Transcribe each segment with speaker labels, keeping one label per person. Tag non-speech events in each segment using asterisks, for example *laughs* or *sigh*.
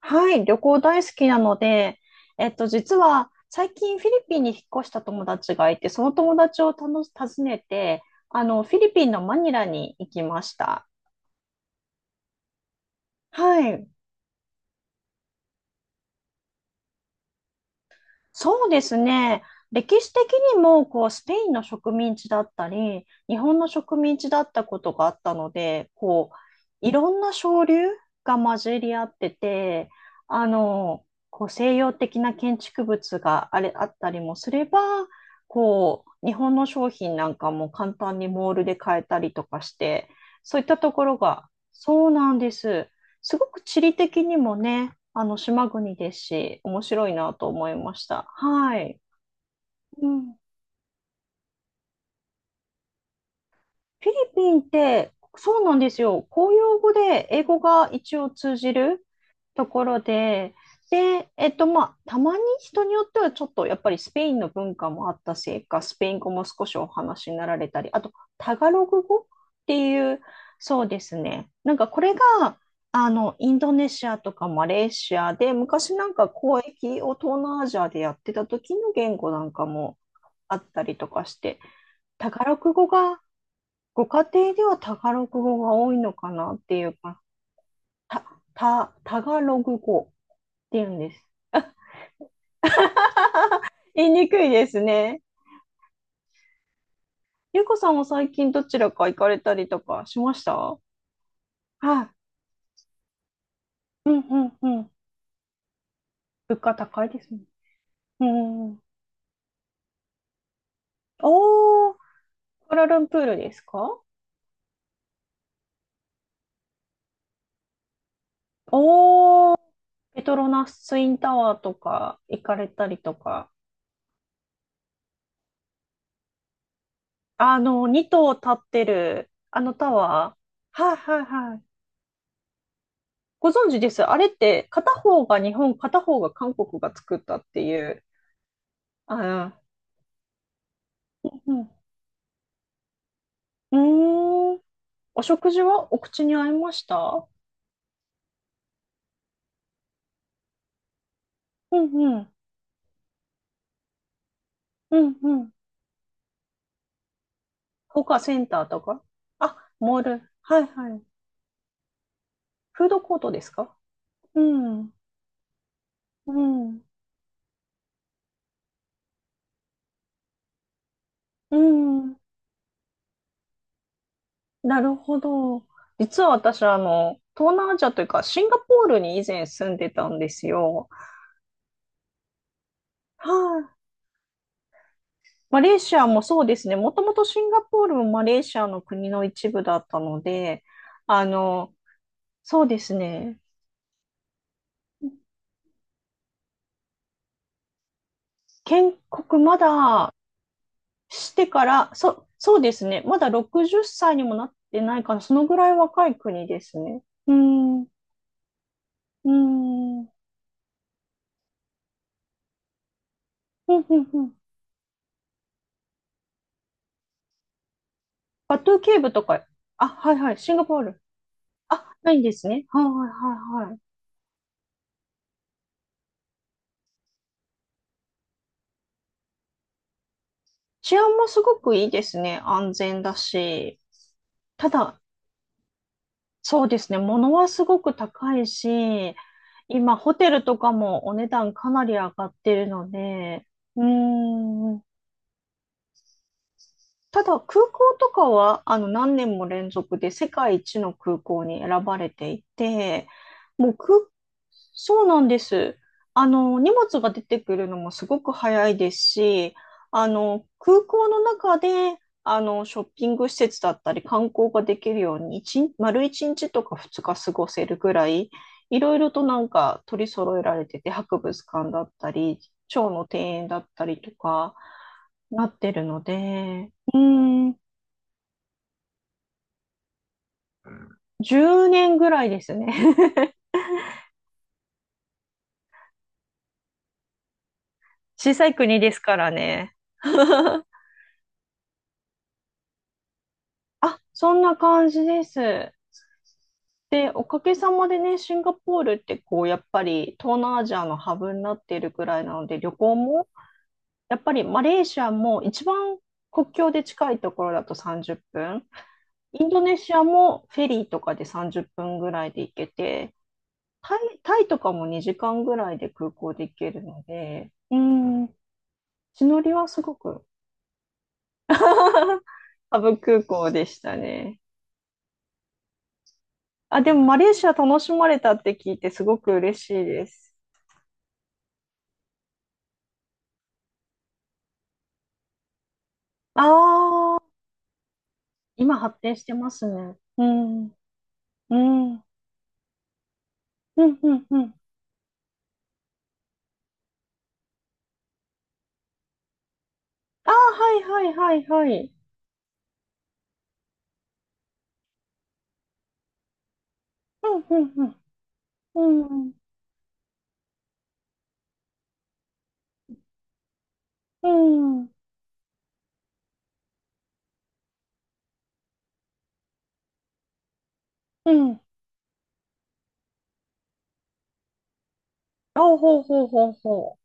Speaker 1: はい、旅行大好きなので、実は最近フィリピンに引っ越した友達がいて、その友達を訪ねて、フィリピンのマニラに行きました。はい。そうですね。歴史的にも、こう、スペインの植民地だったり、日本の植民地だったことがあったので、こう、いろんな潮流が混じり合ってて、こう、西洋的な建築物があったりもすれば、こう、日本の商品なんかも簡単にモールで買えたりとかして、そういったところが、そうなんです。すごく地理的にもね、島国ですし、面白いなと思いました。はい。うん。フィリピンって、そうなんですよ。公用語で英語が一応通じるところで、で、まあ、たまに人によってはちょっとやっぱりスペインの文化もあったせいか、スペイン語も少しお話になられたり、あと、タガログ語っていう、そうですね。なんかこれが、インドネシアとかマレーシアで、昔なんか交易を東南アジアでやってた時の言語なんかもあったりとかして、タガログ語が、ご家庭ではタガログ語が多いのかなっていうか、た、タガログ語っていうんです。言いにくいですね。ゆうこさんも最近どちらか行かれたりとかしました？はい。うんうんうん。物価高いですね。うん。おー、クアラルンプールですか？おー、ペトロナスインタワーとか行かれたりとか。2棟立ってる、あのタワー。はいはいはい。ご存知です。あれって片方が日本、片方が韓国が作ったっていう。あー、うん。うーん。お食事はお口に合いました？うんうん。うんうん。他センターとか、あ、モール。はいはい。フードコートですか？うん。うん。うん。なるほど。実は私、東南アジアというか、シンガポールに以前住んでたんですよ。はい。マレーシアもそうですね。もともとシンガポールもマレーシアの国の一部だったので、あの、そうですね。建国まだしてから、そうですね。まだ60歳にもなってないから、そのぐらい若い国ですね。うーん、うーん、うん、うん、うん。バトゥーケーブとか、あ、はいはい、シンガポール。あ、ないんですね。はいはいはいはい。治安もすごくいいですね。安全だし。ただ、そうですね。物はすごく高いし、今、ホテルとかもお値段かなり上がってるので、うーん、ただ空港とかは何年も連続で世界一の空港に選ばれていて、もう空、そうなんです。あの荷物が出てくるのもすごく早いですし、あの空港の中であのショッピング施設だったり観光ができるように丸1日とか2日過ごせるぐらい、いろいろとなんか取り揃えられてて、博物館だったり、蝶の庭園だったりとか、なってるので、うーん、10年ぐらいですね。*laughs* 小さい国ですからね。*laughs* あ、そんな感じです。で、おかげさまでね、シンガポールってこう、やっぱり東南アジアのハブになっているぐらいなので、旅行も、やっぱりマレーシアも一番国境で近いところだと30分、インドネシアもフェリーとかで30分ぐらいで行けて、タイとかも2時間ぐらいで空港で行けるので、うん、地乗りはすごく *laughs* ハブ空港でしたね。あ、でもマレーシア楽しまれたって聞いてすごく嬉しいです。ああ、今発展してますね。うん、うん、うん、うん、うん。ああ、はいはいはいはい。うん、うん、うん、うん、うん、うん。あ、ほうほうほうほ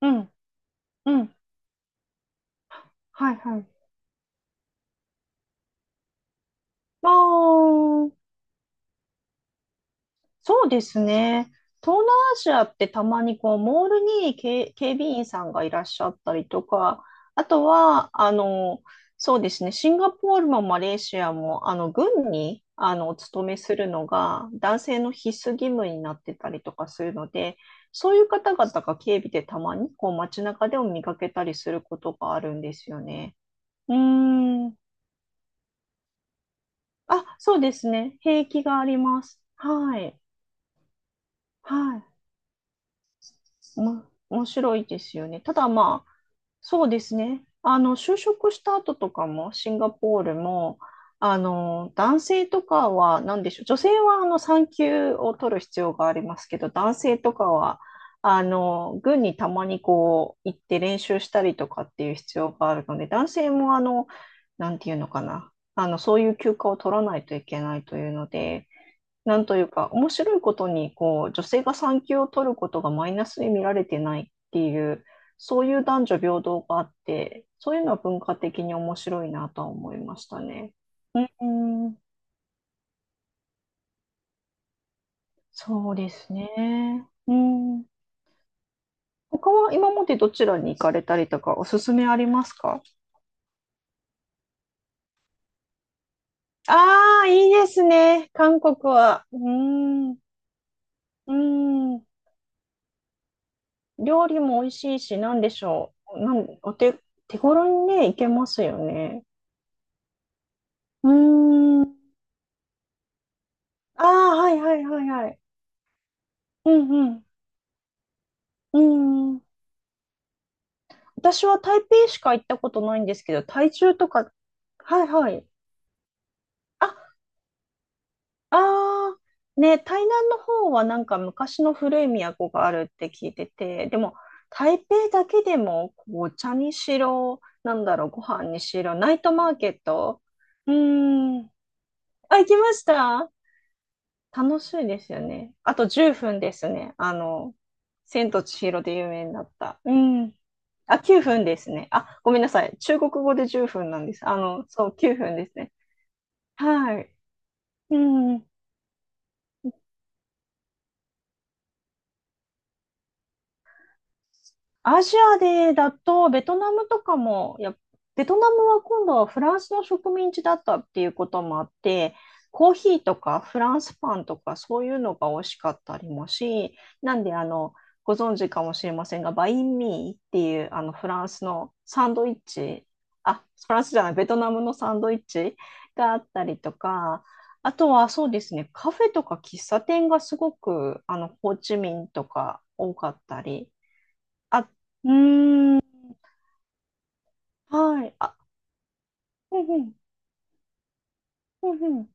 Speaker 1: う。うん、うん。はいはい。ああ。そうですね。東南アジアってたまにこうモールに警備員さんがいらっしゃったりとか、あとは、そうですね、シンガポールもマレーシアも、軍に、お勤めするのが男性の必須義務になってたりとかするので、そういう方々が警備でたまにこう街中でも見かけたりすることがあるんですよね。うーん。あ、そうですね。兵役があります。はい。はい。も、面白いですよね。ただまあ、そうですね。就職した後とかも、シンガポールも、男性とかは、なんでしょう。女性は、産休を取る必要がありますけど、男性とかは、軍にたまにこう、行って練習したりとかっていう必要があるので、男性も、なんていうのかな。そういう休暇を取らないといけないというので、なんというか、面白いことに、こう、女性が産休を取ることがマイナスに見られてないっていう、そういう男女平等があって、そういうのは文化的に面白いなとは思いましたね。うん、そうですね。うん。他は今までどちらに行かれたりとか、おすすめありますか？ああ、いいですね。韓国は。うーん。うーん。料理も美味しいし、なんでしょう。なん、お手、手頃にね、行けますよね。うーん。ああ、はいはいはいはい。うんうん。うん。私は台北しか行ったことないんですけど、台中とか、はいはい。あ、ああ、ね、台南の方はなんか昔の古い都があるって聞いてて、でも台北だけでもこうお茶にしろ、なんだろう、ご飯にしろ、ナイトマーケット。うーん。あ、行きました？楽しいですよね。あと10分ですね。千と千尋で有名になった。うん。あ、9分ですね。あ、ごめんなさい。中国語で10分なんです。そう、9分ですね。はい。うん。アジアでだと、ベトナムとかも、いや、ベトナムは今度はフランスの植民地だったっていうこともあって、コーヒーとかフランスパンとかそういうのが美味しかったりもし、なんでご存知かもしれませんが、バインミーっていうあのフランスのサンドイッチ、あ、フランスじゃない、ベトナムのサンドイッチがあったりとか、あとはそうですね、カフェとか喫茶店がすごくあのホーチミンとか多かったり、あ、うーん、はい。あ、うんうん、うんうん。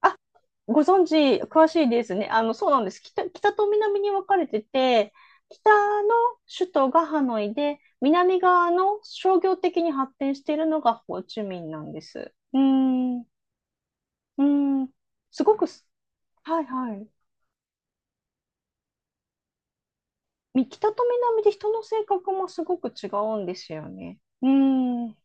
Speaker 1: あ、ご存知、詳しいですね。そうなんです。北と南に分かれてて、北の首都がハノイで、南側の商業的に発展しているのがホーチミンなんです。うーん、うーん、すごくす、はいはい。北と南で人の性格もすごく違うんですよね。うーん、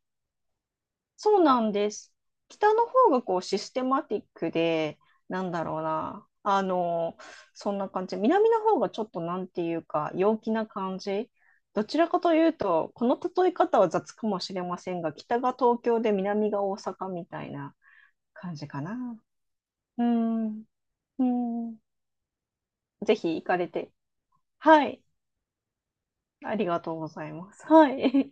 Speaker 1: そうなんです。北の方がこうシステマティックで、なんだろうな、そんな感じ。南の方がちょっとなんていうか、陽気な感じ。どちらかというと、この例え方は雑かもしれませんが、北が東京で南が大阪みたいな感じかな。うん、うん。ぜひ行かれて。はい。ありがとうございます。はい。